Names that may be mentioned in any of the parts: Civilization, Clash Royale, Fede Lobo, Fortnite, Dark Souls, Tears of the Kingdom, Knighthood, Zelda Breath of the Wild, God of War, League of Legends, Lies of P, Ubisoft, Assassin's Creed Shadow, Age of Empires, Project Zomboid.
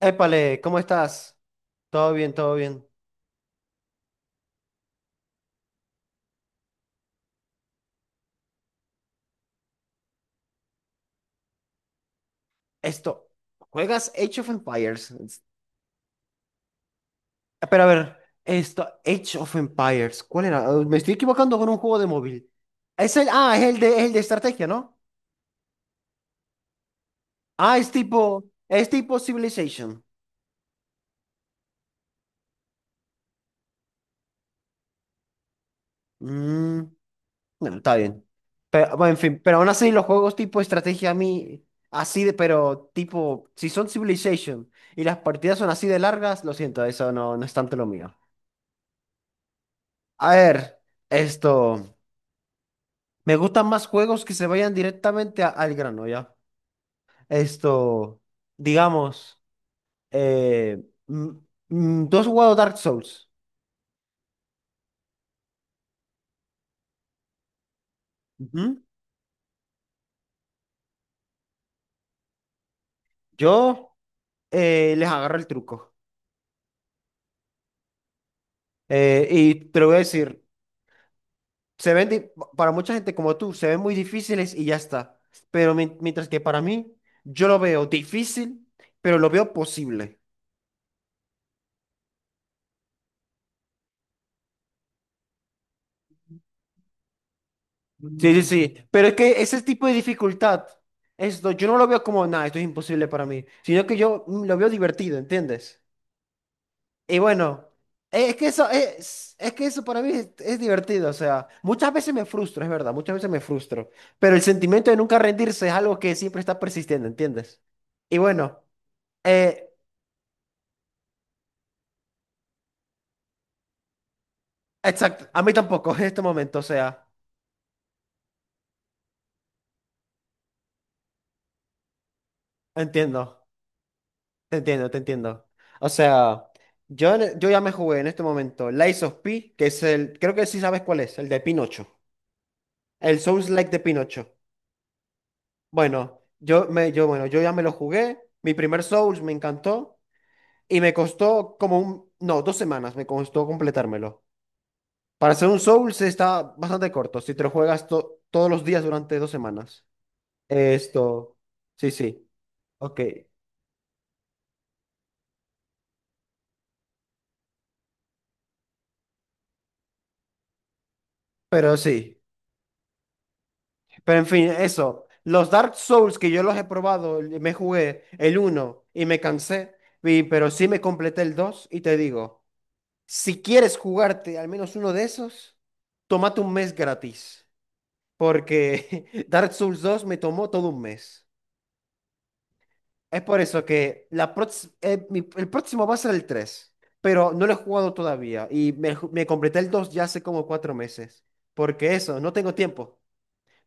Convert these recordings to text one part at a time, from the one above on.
Épale, ¿cómo estás? Todo bien, todo bien. Esto, ¿Juegas Age of Empires? Pero a ver, Age of Empires, ¿cuál era? Me estoy equivocando con un juego de móvil. Es el de estrategia, ¿no? Es tipo Civilization. Mm, bueno, está bien. Pero, bueno, en fin, pero aún así los juegos tipo estrategia a mí, así de, pero tipo, si son Civilization y las partidas son así de largas, lo siento, eso no, no es tanto lo mío. A ver, esto. Me gustan más juegos que se vayan directamente al grano, ya. Esto, digamos, eh, mm, tú has jugado Dark Souls. Ujú. Yo les agarro el truco. Y te lo voy a decir, se ven, para mucha gente como tú, se ven muy difíciles y ya está. Pero mientras que para mí, yo lo veo difícil, pero lo veo posible. Sí, sí, sí. Pero es que ese tipo de dificultad, yo no lo veo como nada, esto es imposible para mí, sino que yo lo veo divertido, ¿entiendes? Y bueno, es que eso para mí es divertido, o sea, muchas veces me frustro, es verdad, muchas veces me frustro, pero el sentimiento de nunca rendirse es algo que siempre está persistiendo, ¿entiendes? Y bueno, eh, exacto, a mí tampoco en este momento, o sea, entiendo. Te entiendo, te entiendo. O sea, yo ya me jugué en este momento Lies of P, que es el, creo que sí sabes cuál es, el de Pinocho. El Souls Like de Pinocho. Yo ya me lo jugué. Mi primer Souls me encantó y me costó como un, no, 2 semanas me costó completármelo. Para hacer un Souls está bastante corto, si te lo juegas todos los días durante 2 semanas. Esto, sí, sí, ok. Pero sí. Pero en fin, eso. Los Dark Souls que yo los he probado, me jugué el uno y me cansé, pero sí me completé el 2 y te digo, si quieres jugarte al menos uno de esos, tómate un mes gratis, porque Dark Souls 2 me tomó todo un mes. Es por eso que el próximo va a ser el tres, pero no lo he jugado todavía y me completé el 2 ya hace como 4 meses, porque eso, no tengo tiempo.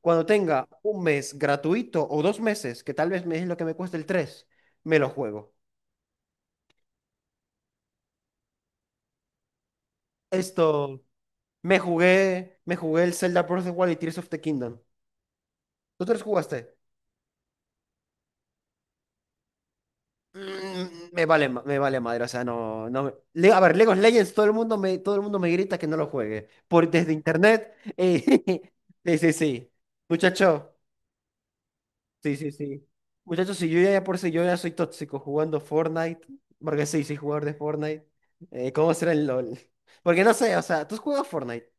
Cuando tenga un mes gratuito o 2 meses, que tal vez me es lo que me cuesta el 3 me lo juego. Esto, me jugué el Zelda Breath of the Wild y Tears of the Kingdom. ¿Tú tres jugaste? Me vale, me vale madre, o sea, no, no. A ver, League of Legends, todo el mundo me, todo el mundo me grita que no lo juegue por desde internet. Sí, sí, sí. Muchacho, sí, sí, sí. Muchachos, si yo ya por si yo ya soy tóxico jugando Fortnite, porque sí, soy jugador de Fortnite, ¿cómo será el LOL? Porque no sé, o sea, tú juegas Fortnite.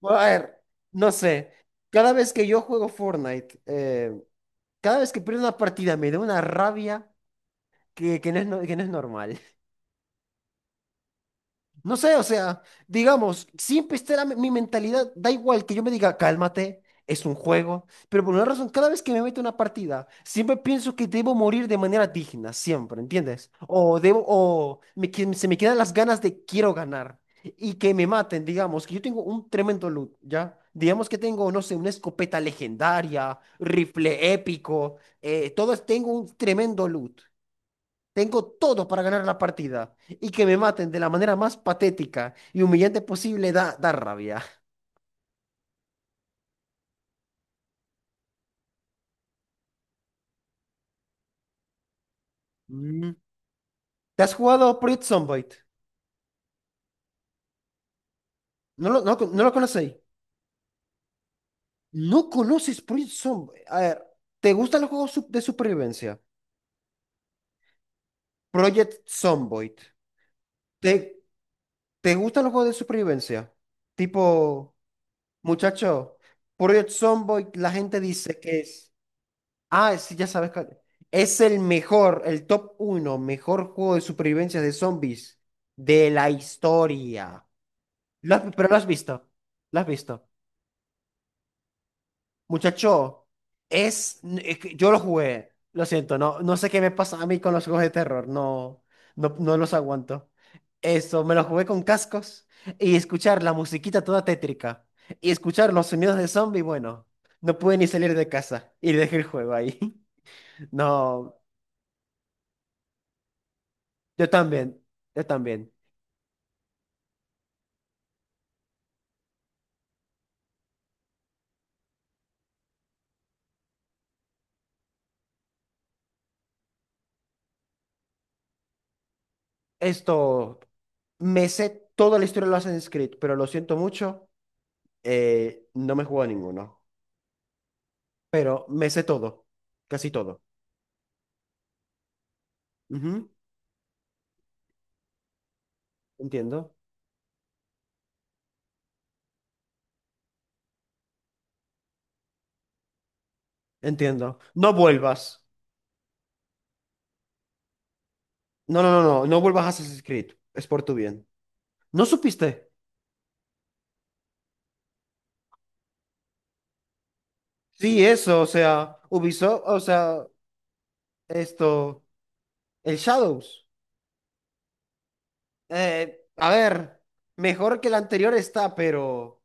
Bueno, a ver, no sé. Cada vez que yo juego Fortnite, cada vez que pierdo una partida me da una rabia que no es, no- que no es normal. No sé, o sea, digamos, siempre estará mi mentalidad, da igual que yo me diga, cálmate, es un juego, pero por una razón, cada vez que me meto en una partida, siempre pienso que debo morir de manera digna, siempre, ¿entiendes? O debo, o me que- Se me quedan las ganas de quiero ganar y que me maten, digamos, que yo tengo un tremendo loot, ¿ya? Digamos que tengo, no sé, una escopeta legendaria, rifle épico, todo, tengo un tremendo loot. Tengo todo para ganar la partida y que me maten de la manera más patética y humillante posible da rabia. Mm, ¿Te has jugado Project Zomboid? ¿No lo conocéis? ¿No conoces Project Zomboid? A ver, ¿te gustan los juegos de supervivencia? Project Zomboid. ¿Te, te gustan los juegos de supervivencia? Tipo, muchacho, Project Zomboid, la gente dice que es. Ah, sí, ya sabes cuál. Es el mejor, el top uno, mejor juego de supervivencia de zombies de la historia. Pero lo has visto. Lo has visto. Muchacho, es que yo lo jugué. Lo siento, no, no sé qué me pasa a mí con los juegos de terror. No, no, no los aguanto. Eso, me lo jugué con cascos y escuchar la musiquita toda tétrica y escuchar los sonidos de zombie, bueno, no pude ni salir de casa y dejé el juego ahí. No. Yo también, yo también. Esto, Me sé toda la historia de los Assassin's Creed, pero lo siento mucho, no me juego a ninguno. Pero me sé todo, casi todo. Ujú, entiendo, entiendo. No vuelvas. No, no, no, no, no vuelvas a Assassin's Creed. Es por tu bien. ¿No supiste? Sí, eso, o sea, Ubisoft, o sea, esto, el Shadows. A ver, mejor que el anterior está, pero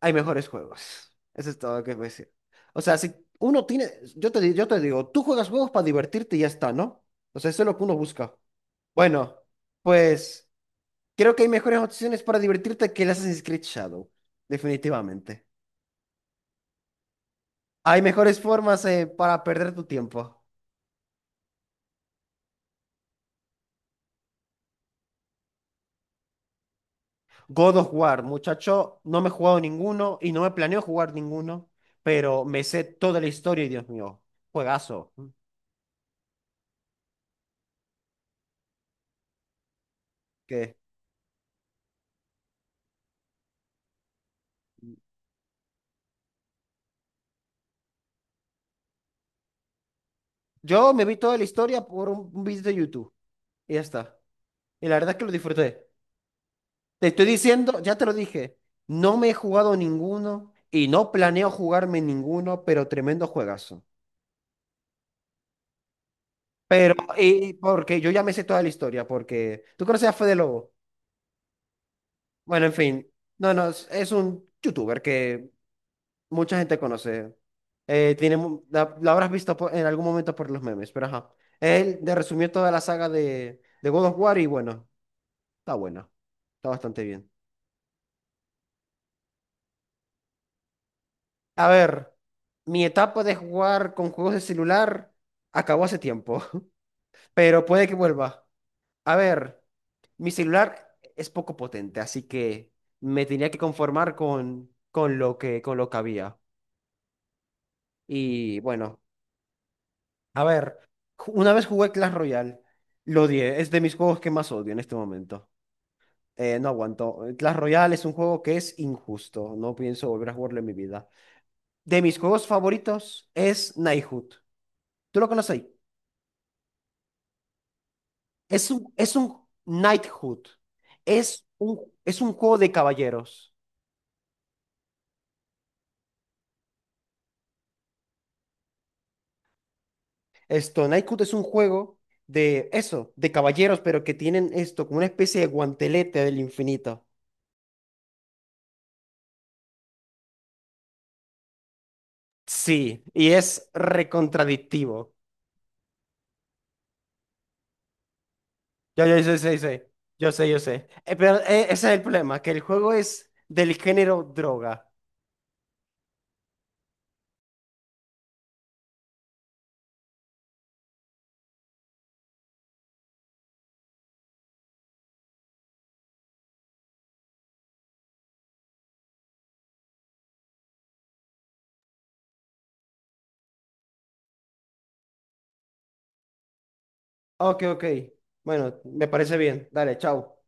hay mejores juegos. Eso es todo lo que voy a decir. O sea, si uno tiene, yo te digo, tú juegas juegos para divertirte y ya está, ¿no? O sea, eso es lo que uno busca. Bueno, pues creo que hay mejores opciones para divertirte que el Assassin's Creed Shadow, definitivamente. Hay mejores formas para perder tu tiempo. God of War, muchacho, no me he jugado ninguno y no me planeo jugar ninguno, pero me sé toda la historia y Dios mío, juegazo. ¿Qué? Yo me vi toda la historia por un video de YouTube. Y ya está. Y la verdad es que lo disfruté. Te estoy diciendo, ya te lo dije, no me he jugado ninguno y no planeo jugarme ninguno, pero tremendo juegazo. Pero, y porque yo ya me sé toda la historia, porque tú conoces a Fede Lobo. Bueno, en fin, no, no, es un youtuber que mucha gente conoce. Tiene, la habrás visto en algún momento por los memes, pero ajá. Él te resumió toda la saga de God of War y bueno, está bastante bien. A ver, mi etapa de jugar con juegos de celular acabó hace tiempo, pero puede que vuelva. A ver, mi celular es poco potente, así que me tenía que conformar con lo que había. Y bueno, a ver, una vez jugué Clash Royale, lo odié, es de mis juegos que más odio en este momento. No aguanto. Clash Royale es un juego que es injusto, no pienso volver a jugarlo en mi vida. De mis juegos favoritos es Knighthood. ¿Tú lo conoces? Es un Knighthood. Es un juego de caballeros. Knighthood es un juego de eso, de caballeros, pero que tienen como una especie de guantelete del infinito. Sí, y es recontradictivo. Yo sé. Yo sé, yo sé. Pero ese es el problema, que el juego es del género droga. Ok, ok. Bueno, me parece bien. Dale, chao.